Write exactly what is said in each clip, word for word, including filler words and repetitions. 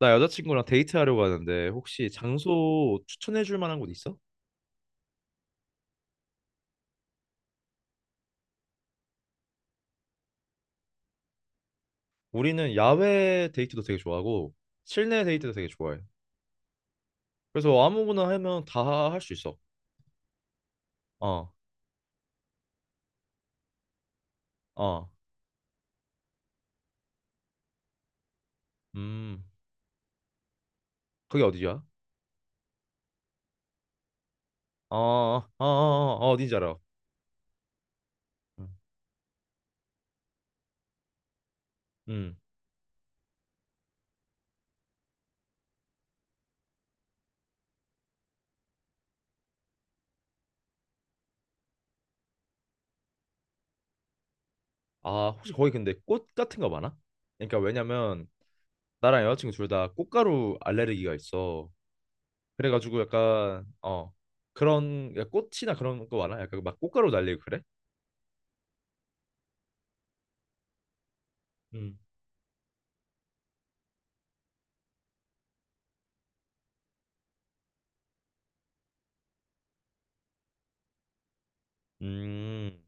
나 여자친구랑 데이트하려고 하는데 혹시 장소 추천해 줄 만한 곳 있어? 우리는 야외 데이트도 되게 좋아하고 실내 데이트도 되게 좋아해. 그래서 아무거나 하면 다 할 수 있어. 어, 어, 음, 그게 어디야? 어, 어, 어, 어, 어, 어딘지 알아. 음, 음. 아, 혹시 거기 근데 꽃 같은 거 많아? 그러니까 왜냐면 나랑 여자친구 둘 다 꽃가루 알레르기가 있어. 그래가지고 약간 어 그런 그러니까 꽃이나 그런 거 많아? 약간 막 꽃가루 날리고 그래? 음. 음.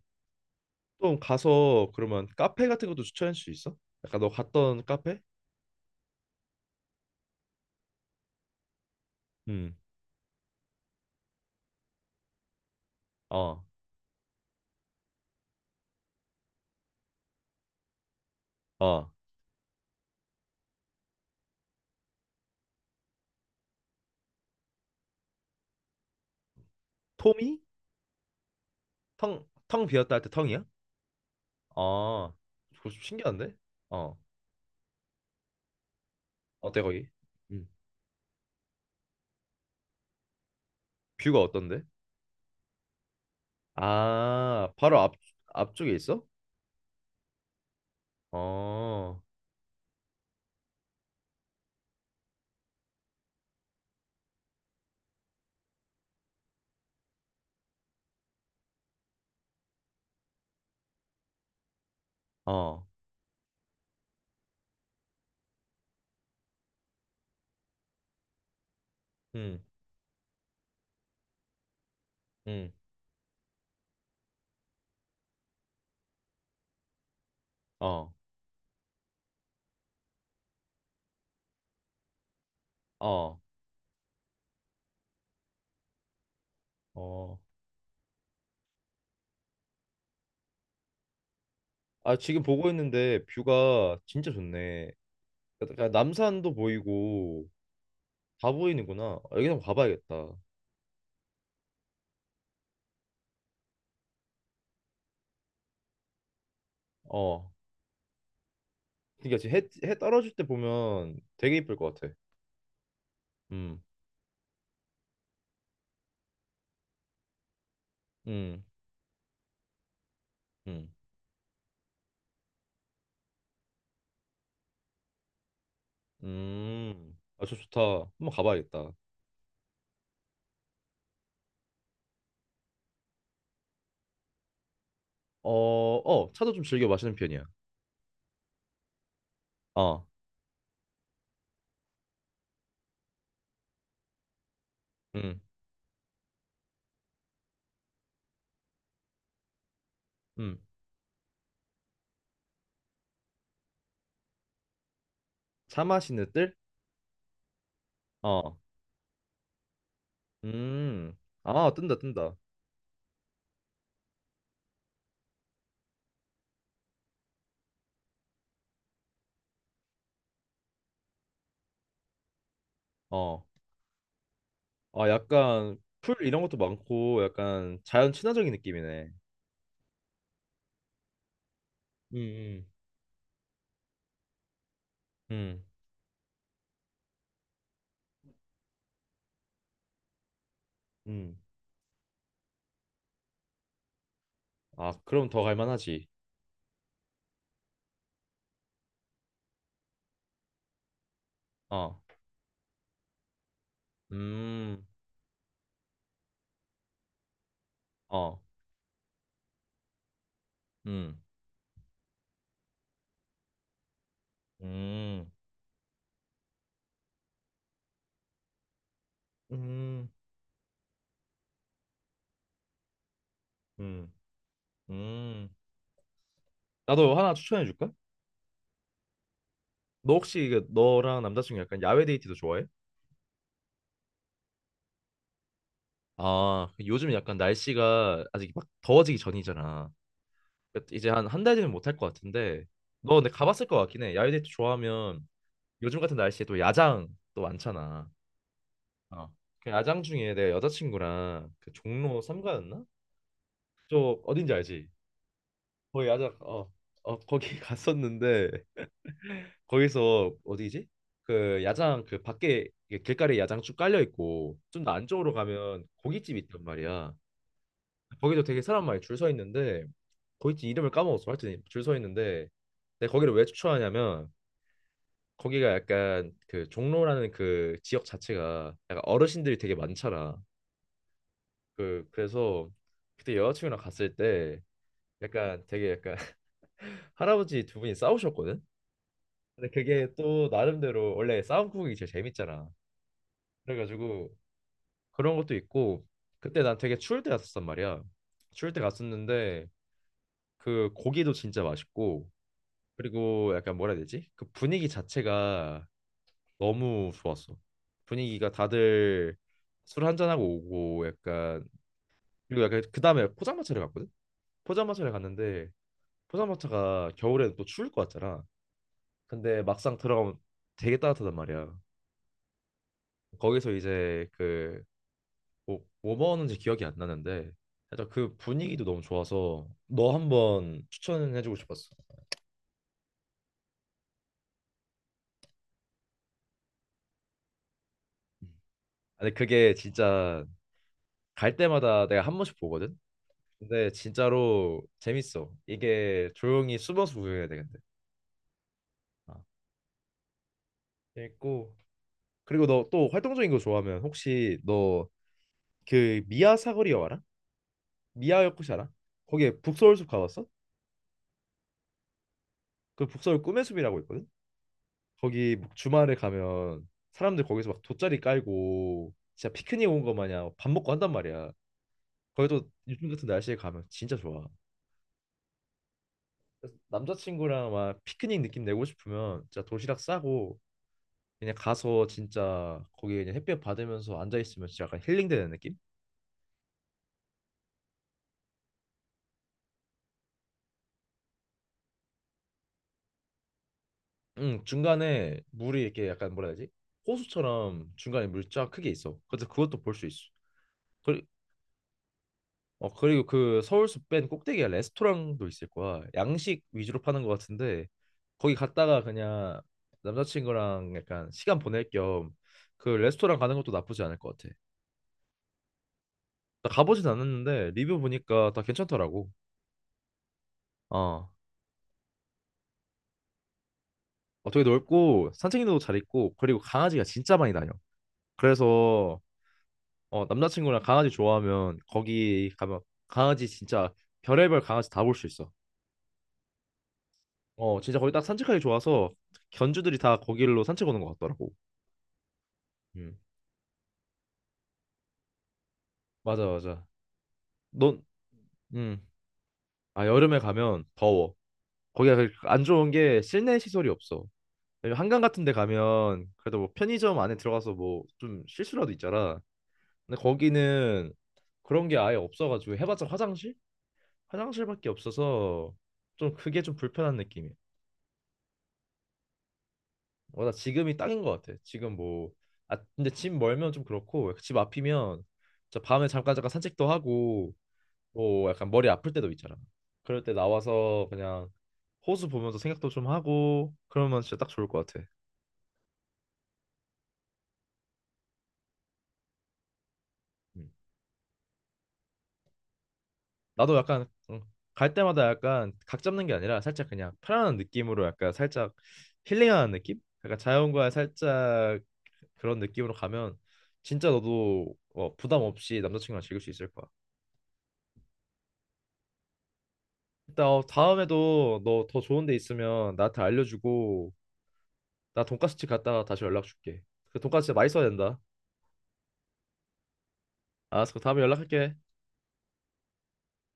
좀 가서 그러면 카페 같은 것도 추천할 수 있어? 약간 너 갔던 카페? 음. 어. 어. 토미? 텅, 텅 비었다 할 때 텅이야? 어. 그거 좀 신기한데? 어. 어때 거기? 음. 뷰가 어떤데? 아, 바로 앞 앞쪽에 있어? 어. 어. 음. 음. 어. 어. 어. 아, 지금 보고 있는데 뷰가 진짜 좋네. 약간 남산도 보이고 다 보이는구나. 여기 한번 가봐야겠다. 어. 그러니까 지금 해, 해 떨어질 때 보면 되게 이쁠 것 같아. 음, 음, 음, 음. 아, 저 좋다. 한번 가봐야겠다. 어, 어, 차도 좀 즐겨 마시는 편이야. 어, 음, 음. 차 마시는 뜰? 어, 음. 아, 뜬다, 뜬다. 어, 아, 약간 풀 이런 것도 많고 약간 자연 친화적인 느낌이네. 음, 음, 음, 음. 아, 그럼 더 갈만하지. 어, 음, 어, 음, 음, 음. 음. 음, 나도 하나 추천해 줄까? 너 혹시 이게 너랑 남자친구 약간 야외 데이트도 좋아해? 아, 요즘 약간 날씨가 아직 막 더워지기 전이잖아. 그러니까 이제 한 한 달 뒤면 못 할 것 같은데, 너 근데 가봤을 것 같긴 해. 야외 데이트 좋아하면 요즘 같은 날씨에 또 야장 또 많잖아. 어. 그 야장 중에 내 여자친구랑 그 종로 삼가였나? 저 어딘지 알지? 거기 야장 어, 어 거기 갔었는데 거기서 어디지? 그 야장 그 밖에 이게 길가에 야장 쭉 깔려 있고 좀 더 안쪽으로 가면 고깃집이 있단 말이야. 거기도 되게 사람 많이 줄 서 있는데 고깃집 이름을 까먹었어. 하여튼 줄 서 있는데 내가 거기를 왜 추천하냐면 거기가 약간 그 종로라는 그 지역 자체가 약간 어르신들이 되게 많잖아. 그 그래서 그때 여자친구랑 갔을 때 약간 되게 약간 할아버지 두 분이 싸우셨거든. 근데 그게 또 나름대로 원래 싸움국이 제일 재밌잖아. 그래가지고 그런 것도 있고 그때 난 되게 추울 때 갔었단 말이야. 추울 때 갔었는데 그 고기도 진짜 맛있고 그리고 약간 뭐라 해야 되지? 그 분위기 자체가 너무 좋았어. 분위기가 다들 술 한잔하고 오고 약간 그리고 약간 그 다음에 포장마차를 갔거든? 포장마차를 갔는데 포장마차가 겨울에는 또 추울 것 같잖아. 근데 막상 들어가면 되게 따뜻하단 말이야. 거기서 이제 그 뭐, 뭐 먹었는지 기억이 안 나는데 살짝 그 분위기도 너무 좋아서 너 한번 추천해주고 싶었어. 음. 근데 그게 진짜 갈 때마다 내가 한 번씩 보거든. 근데 진짜로 재밌어. 이게 조용히 숨어서 구경해야 되는데. 아, 재밌고 그리고 너 또 활동적인 거 좋아하면 혹시 너 그 미아 사거리 여 알아? 미아 역시 알아? 거기에 북서울숲 가봤어? 그 북서울 꿈의 숲이라고 있거든. 거기 막 주말에 가면 사람들 거기서 막 돗자리 깔고 진짜 피크닉 온 거 마냥 밥 먹고 한단 말이야. 거기도 요즘 같은 날씨에 가면 진짜 좋아. 그래서 남자친구랑 막 피크닉 느낌 내고 싶으면 진짜 도시락 싸고 그냥 가서 진짜 거기 그냥 햇볕 받으면서 앉아 있으면 진짜 약간 힐링되는 느낌? 응, 중간에 물이 이렇게 약간 뭐라 해야 되지? 호수처럼 중간에 물 쫙 크게 있어. 그래서 그것도 볼 수 있어. 그 어 그리고 그 서울숲밴 꼭대기에 레스토랑도 있을 거야. 양식 위주로 파는 것 같은데 거기 갔다가 그냥 남자친구랑 약간 시간 보낼 겸 그 레스토랑 가는 것도 나쁘지 않을 것 같아. 나 가보진 않았는데 리뷰 보니까 다 괜찮더라고. 어, 어 되게 넓고 산책로도 잘 있고 그리고 강아지가 진짜 많이 다녀. 그래서 어 남자친구랑 강아지 좋아하면 거기 가면 강아지 진짜 별의별 강아지 다 볼 수 있어. 어 진짜 거기 딱 산책하기 좋아서 견주들이 다 거길로 산책 오는 것 같더라고. 음. 맞아, 맞아. 넌, 음. 아, 여름에 가면 더워. 거기가 그- 안 좋은 게 실내 시설이 없어. 왜냐면 한강 같은 데 가면 그래도 뭐 편의점 안에 들어가서 뭐 좀 쉴 수라도 있잖아. 근데 거기는 그런 게 아예 없어가지고 해봤자 화장실? 화장실밖에 없어서 좀 그게 좀 불편한 느낌이야. 어, 나 지금이 딱인 것 같아. 지금 뭐, 아, 근데 집 멀면 좀 그렇고 집 앞이면 진짜 밤에 잠깐 잠깐 산책도 하고 뭐 약간 머리 아플 때도 있잖아. 그럴 때 나와서 그냥 호수 보면서 생각도 좀 하고 그러면 진짜 딱 좋을 것 같아. 음. 나도 약간 음, 갈 때마다 약간 각 잡는 게 아니라 살짝 그냥 편안한 느낌으로 약간 살짝 힐링하는 느낌? 약간 자연과 살짝 그런 느낌으로 가면 진짜 너도 어, 부담 없이 남자친구랑 즐길 수 있을 거야. 일단 어, 다음에도 너 더 좋은 데 있으면 나한테 알려주고 나 돈까스집 갔다가 다시 연락 줄게. 그 돈까스 진짜 맛있어야 된다. 알았어. 그럼 다음에 연락할게.